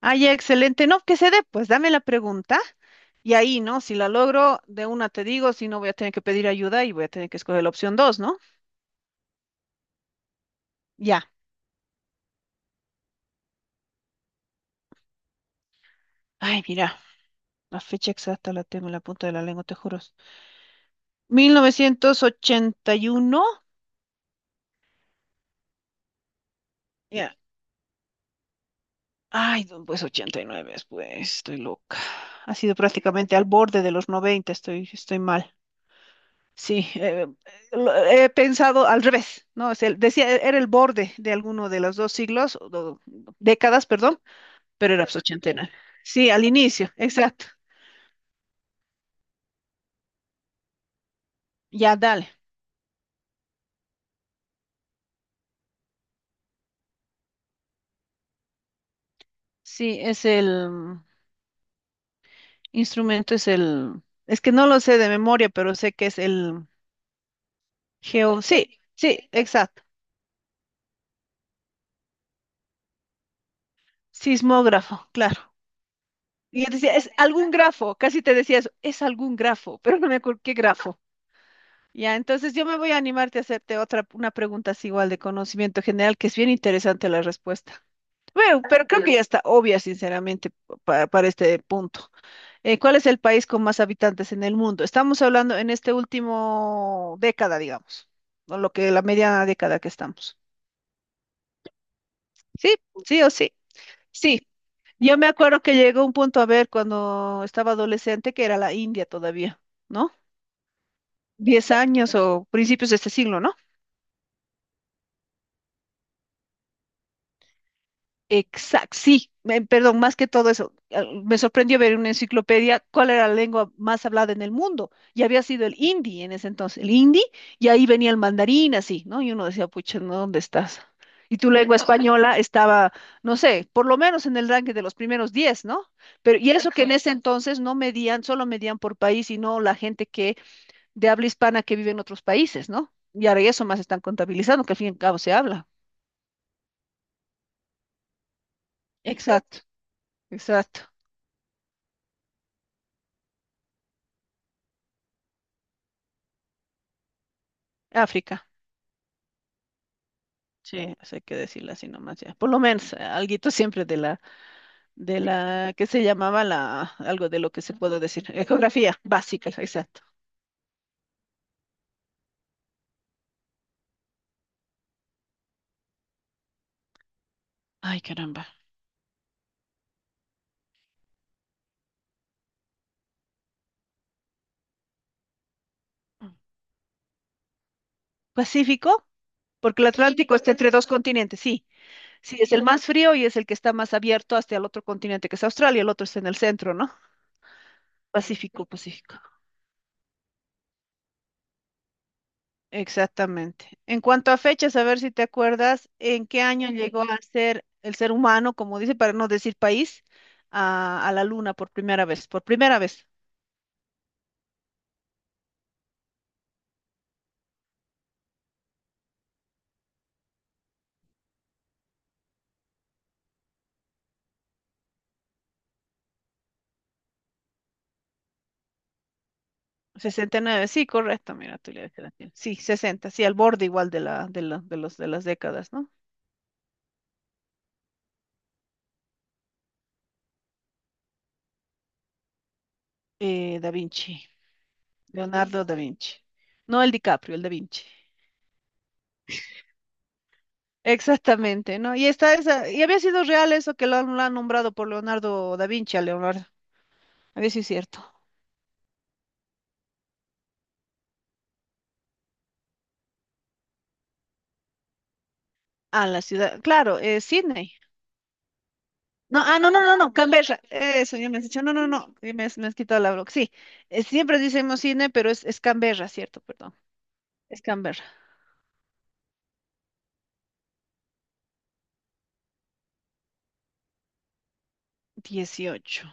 Ay, excelente. No, que se dé, pues dame la pregunta y ahí, ¿no? Si la logro, de una te digo, si no voy a tener que pedir ayuda y voy a tener que escoger la opción dos, ¿no? Ya. Ay, mira, la fecha exacta la tengo en la punta de la lengua, te juro. 1981. Ya. Ay, no, pues 89, pues, estoy loca. Ha sido prácticamente al borde de los noventa. Estoy mal. Sí, he pensado al revés, ¿no? Decía, era el borde de alguno de los dos siglos, o décadas, perdón, pero era pues, ochentena. Sí, al inicio, exacto. Ya, dale. Sí, es el instrumento, es el. Es que no lo sé de memoria, pero sé que es el geo. Sí, sí, exacto. Sismógrafo, claro. Y yo decía, es algún grafo, casi te decía eso, es algún grafo, pero no me acuerdo qué grafo. Ya, entonces yo me voy a animarte a hacerte otra, una pregunta así igual de conocimiento general, que es bien interesante la respuesta. Bueno, pero creo que ya está obvia, sinceramente, para este punto. ¿Cuál es el país con más habitantes en el mundo? Estamos hablando en este último década, digamos, o lo que la mediana década que estamos. Sí, sí o sí. Sí. Yo me acuerdo que llegó un punto a ver cuando estaba adolescente que era la India todavía, ¿no? 10 años o principios de este siglo, ¿no? Exacto, sí, perdón, más que todo eso, me sorprendió ver en una enciclopedia cuál era la lengua más hablada en el mundo, y había sido el hindi en ese entonces, el hindi, y ahí venía el mandarín, así, ¿no? Y uno decía, pucha, ¿no? ¿Dónde estás? Y tu lengua española estaba, no sé, por lo menos en el ranking de los primeros 10, ¿no? Pero, y eso que en ese entonces no medían, solo medían por país y no la gente que, de habla hispana que vive en otros países, ¿no? Y ahora eso más están contabilizando, que al fin y al cabo se habla. Exacto, exacto. África. Sí, eso hay que decirlo así nomás ya. Por lo menos, algo siempre de la, que se llamaba la, algo de lo que se puede decir, geografía básica, exacto. Ay, caramba. Pacífico, porque el Atlántico está entre dos continentes, sí. Sí, es el más frío y es el que está más abierto hasta el otro continente, que es Australia, el otro está en el centro, ¿no? Pacífico, Pacífico. Exactamente. En cuanto a fechas, a ver si te acuerdas, ¿en qué año llegó a ser el ser humano, como dice, para no decir país, a la Luna por primera vez? Por primera vez. Sesenta y nueve, sí, correcto, mira, tú le habías dado. Sí, 60, sí, al borde igual de la, de la- de los, de las décadas, ¿no? Da Vinci, Leonardo da Vinci. No el DiCaprio, el Da Vinci. Exactamente, ¿no? Y está esa, y había sido real eso que lo han nombrado por Leonardo da Vinci a Leonardo. A ver si es cierto. A la ciudad, claro, Sydney. No, ah, no, no, no, no, Canberra. Eso, ya me has dicho, no, no, no, ya me has quitado la broca. Sí, siempre decimos Sydney, pero es Canberra, ¿cierto? Perdón, es Canberra. 18.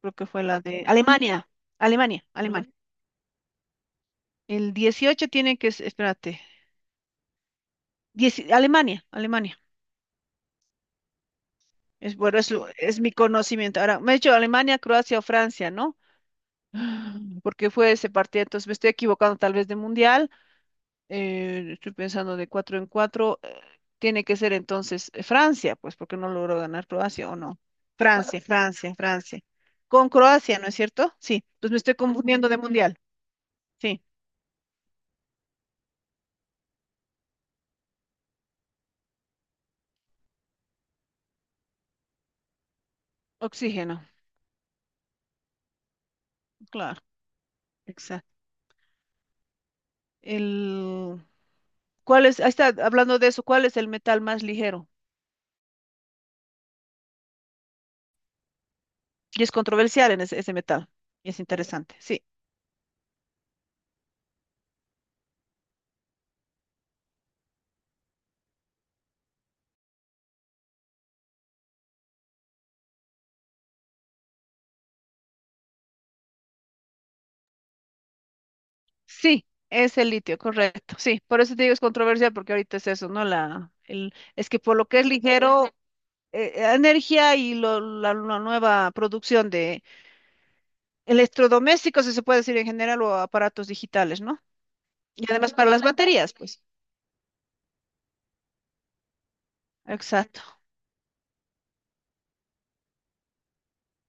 Creo que fue la de Alemania, Alemania, Alemania. El 18 tiene que, espérate, Alemania, Alemania. Bueno, es mi conocimiento. Ahora, me he dicho Alemania, Croacia o Francia, ¿no? Porque fue ese partido, entonces me estoy equivocando tal vez de mundial. Estoy pensando de cuatro en cuatro. Tiene que ser entonces Francia, pues porque no logró ganar Croacia o no. Francia, Francia, Francia. Con Croacia, ¿no es cierto? Sí, pues me estoy confundiendo de mundial. Sí, oxígeno, claro, exacto. El, ¿Cuál es? Ahí está, hablando de eso, ¿cuál es el metal más ligero? Y es controversial en ese metal, y es interesante. Sí, sí, es el litio, correcto. Sí, por eso te digo es controversial, porque ahorita es eso, ¿no? Es que por lo que es ligero, energía y la nueva producción de electrodomésticos, si se puede decir en general, o aparatos digitales, ¿no? Y además para las baterías, pues. Exacto,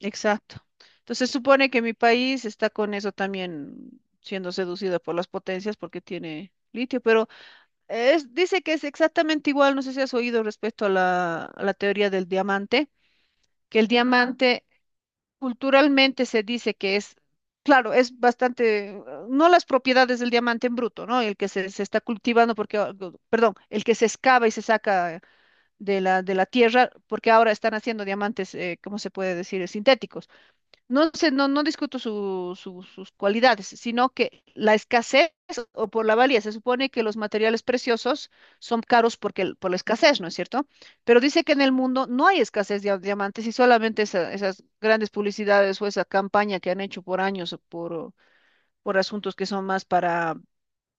exacto. Entonces supone que mi país está con eso también siendo seducido por las potencias porque tiene litio, pero es, dice que es exactamente igual, no sé si has oído respecto a la, teoría del diamante, que el diamante culturalmente se dice que es, claro, es bastante, no las propiedades del diamante en bruto, ¿no? El que se está cultivando porque, perdón, el que se excava y se saca de la tierra porque ahora están haciendo diamantes, ¿cómo se puede decir? Sintéticos. No sé, no, no discuto sus cualidades, sino que la escasez o por la valía. Se supone que los materiales preciosos son caros porque, por la escasez, ¿no es cierto? Pero dice que en el mundo no hay escasez de diamantes y solamente esas grandes publicidades o esa campaña que han hecho por años o por asuntos que son más para,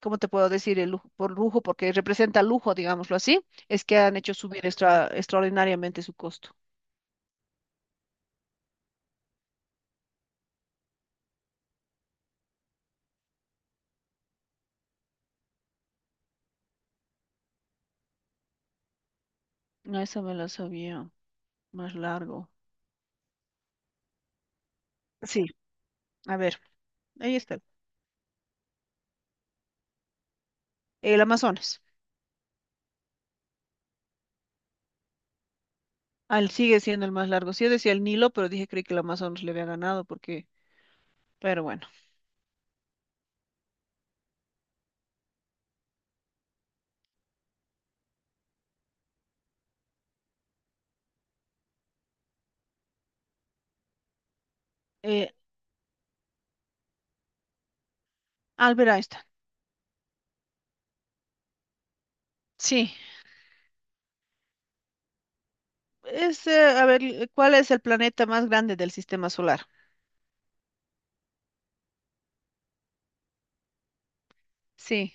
¿cómo te puedo decir? El lujo, por lujo, porque representa lujo, digámoslo así, es que han hecho subir extraordinariamente su costo. No, esa me la sabía más largo. Sí, a ver. Ahí está. El Amazonas. Al sigue siendo el más largo. Sí, yo decía el Nilo, pero dije creí que el Amazonas le había ganado porque, pero bueno. Eh, Albert Einstein. Sí. A ver, ¿cuál es el planeta más grande del sistema solar? Sí.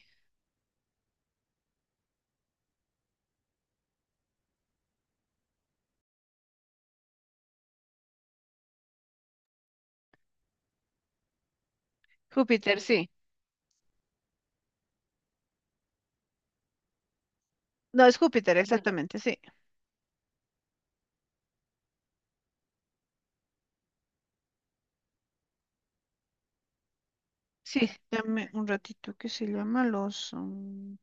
Júpiter, sí. No, es Júpiter, exactamente, sí. Sí, dame un ratito. ¿Qué se llama? Los... um,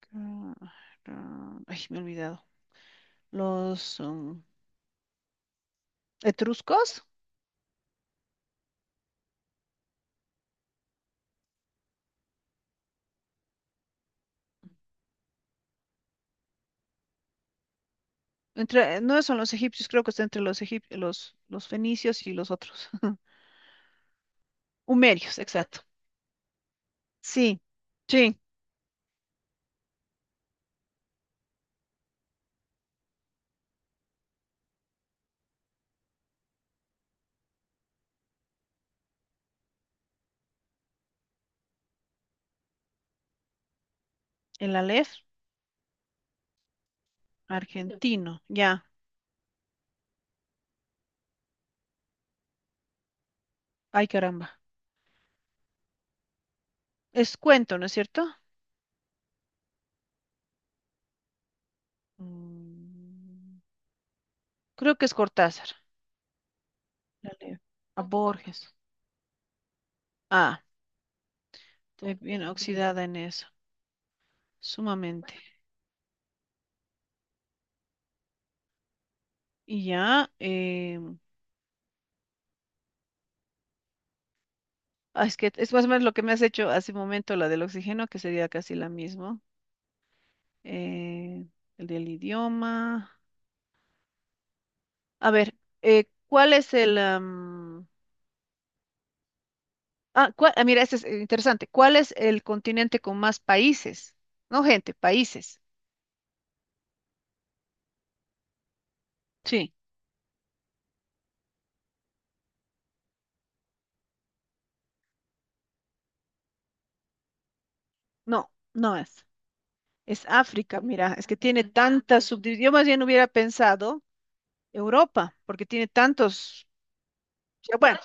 ca- ra- Ay, me he olvidado. Los etruscos. Entre, no son los egipcios, creo que está entre los fenicios y los otros. Humerios, exacto. Sí, sí, el Aleph argentino, ya. Ay, caramba. Es cuento, ¿no es cierto? Mm, Creo que es Cortázar. El Aleph. A Borges. Ah, estoy bien oxidada en eso, sumamente. Y ya, es que es más o menos lo que me has hecho hace un momento, la del oxígeno, que sería casi la misma. Eh, el del idioma. A ver, ¿cuál es el? Am, Ah, cua- ah, Mira, este es interesante. ¿Cuál es el continente con más países? No, gente, países. Sí, no, no es. Es África, mira, es que tiene tantas subdivisiones. Yo más bien hubiera pensado Europa, porque tiene tantos. Ya, bueno,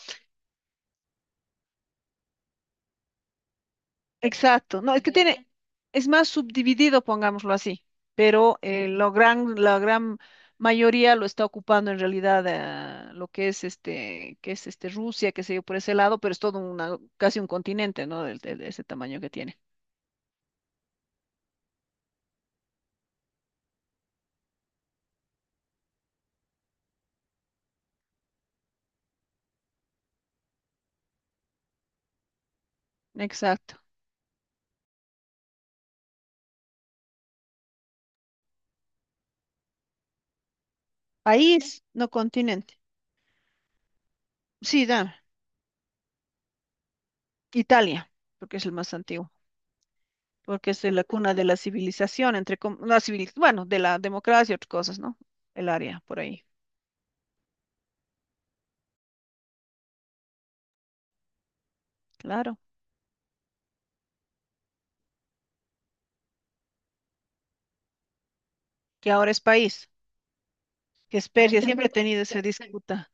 exacto. No, es que tiene, es más subdividido, pongámoslo así, pero la gran mayoría lo está ocupando en realidad lo que es este Rusia, qué sé yo, por ese lado, pero es todo una, casi un continente, ¿no? De ese tamaño que tiene. Exacto. País, no continente. Sí, dame. Italia, porque es el más antiguo, porque es de la cuna de la civilización, entre no, civil, bueno, de la democracia y otras cosas, ¿no? El área por ahí, claro. Que ahora es país, que es Persia, siempre he tenido esa disputa.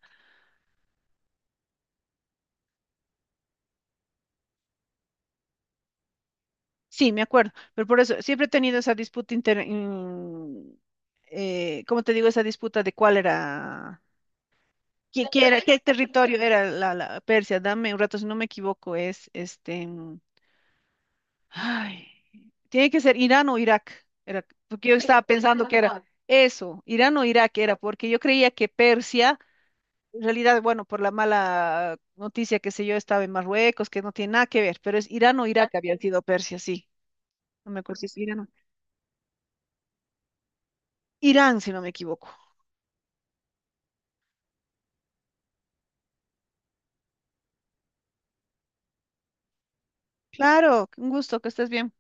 Sí, me acuerdo, pero por eso siempre he tenido esa disputa ¿cómo te digo? Esa disputa de cuál era, qué era, qué territorio era la Persia. Dame un rato, si no me equivoco, es este. Ay, tiene que ser Irán o Irak, era, porque yo estaba pensando que era eso, Irán o Irak era, porque yo creía que Persia, en realidad, bueno, por la mala noticia que sé yo, estaba en Marruecos, que no tiene nada que ver, pero es Irán o Irak había sido Persia, sí, no me acuerdo si es Irán o Irán, si no me equivoco. Claro, un gusto, que estés bien.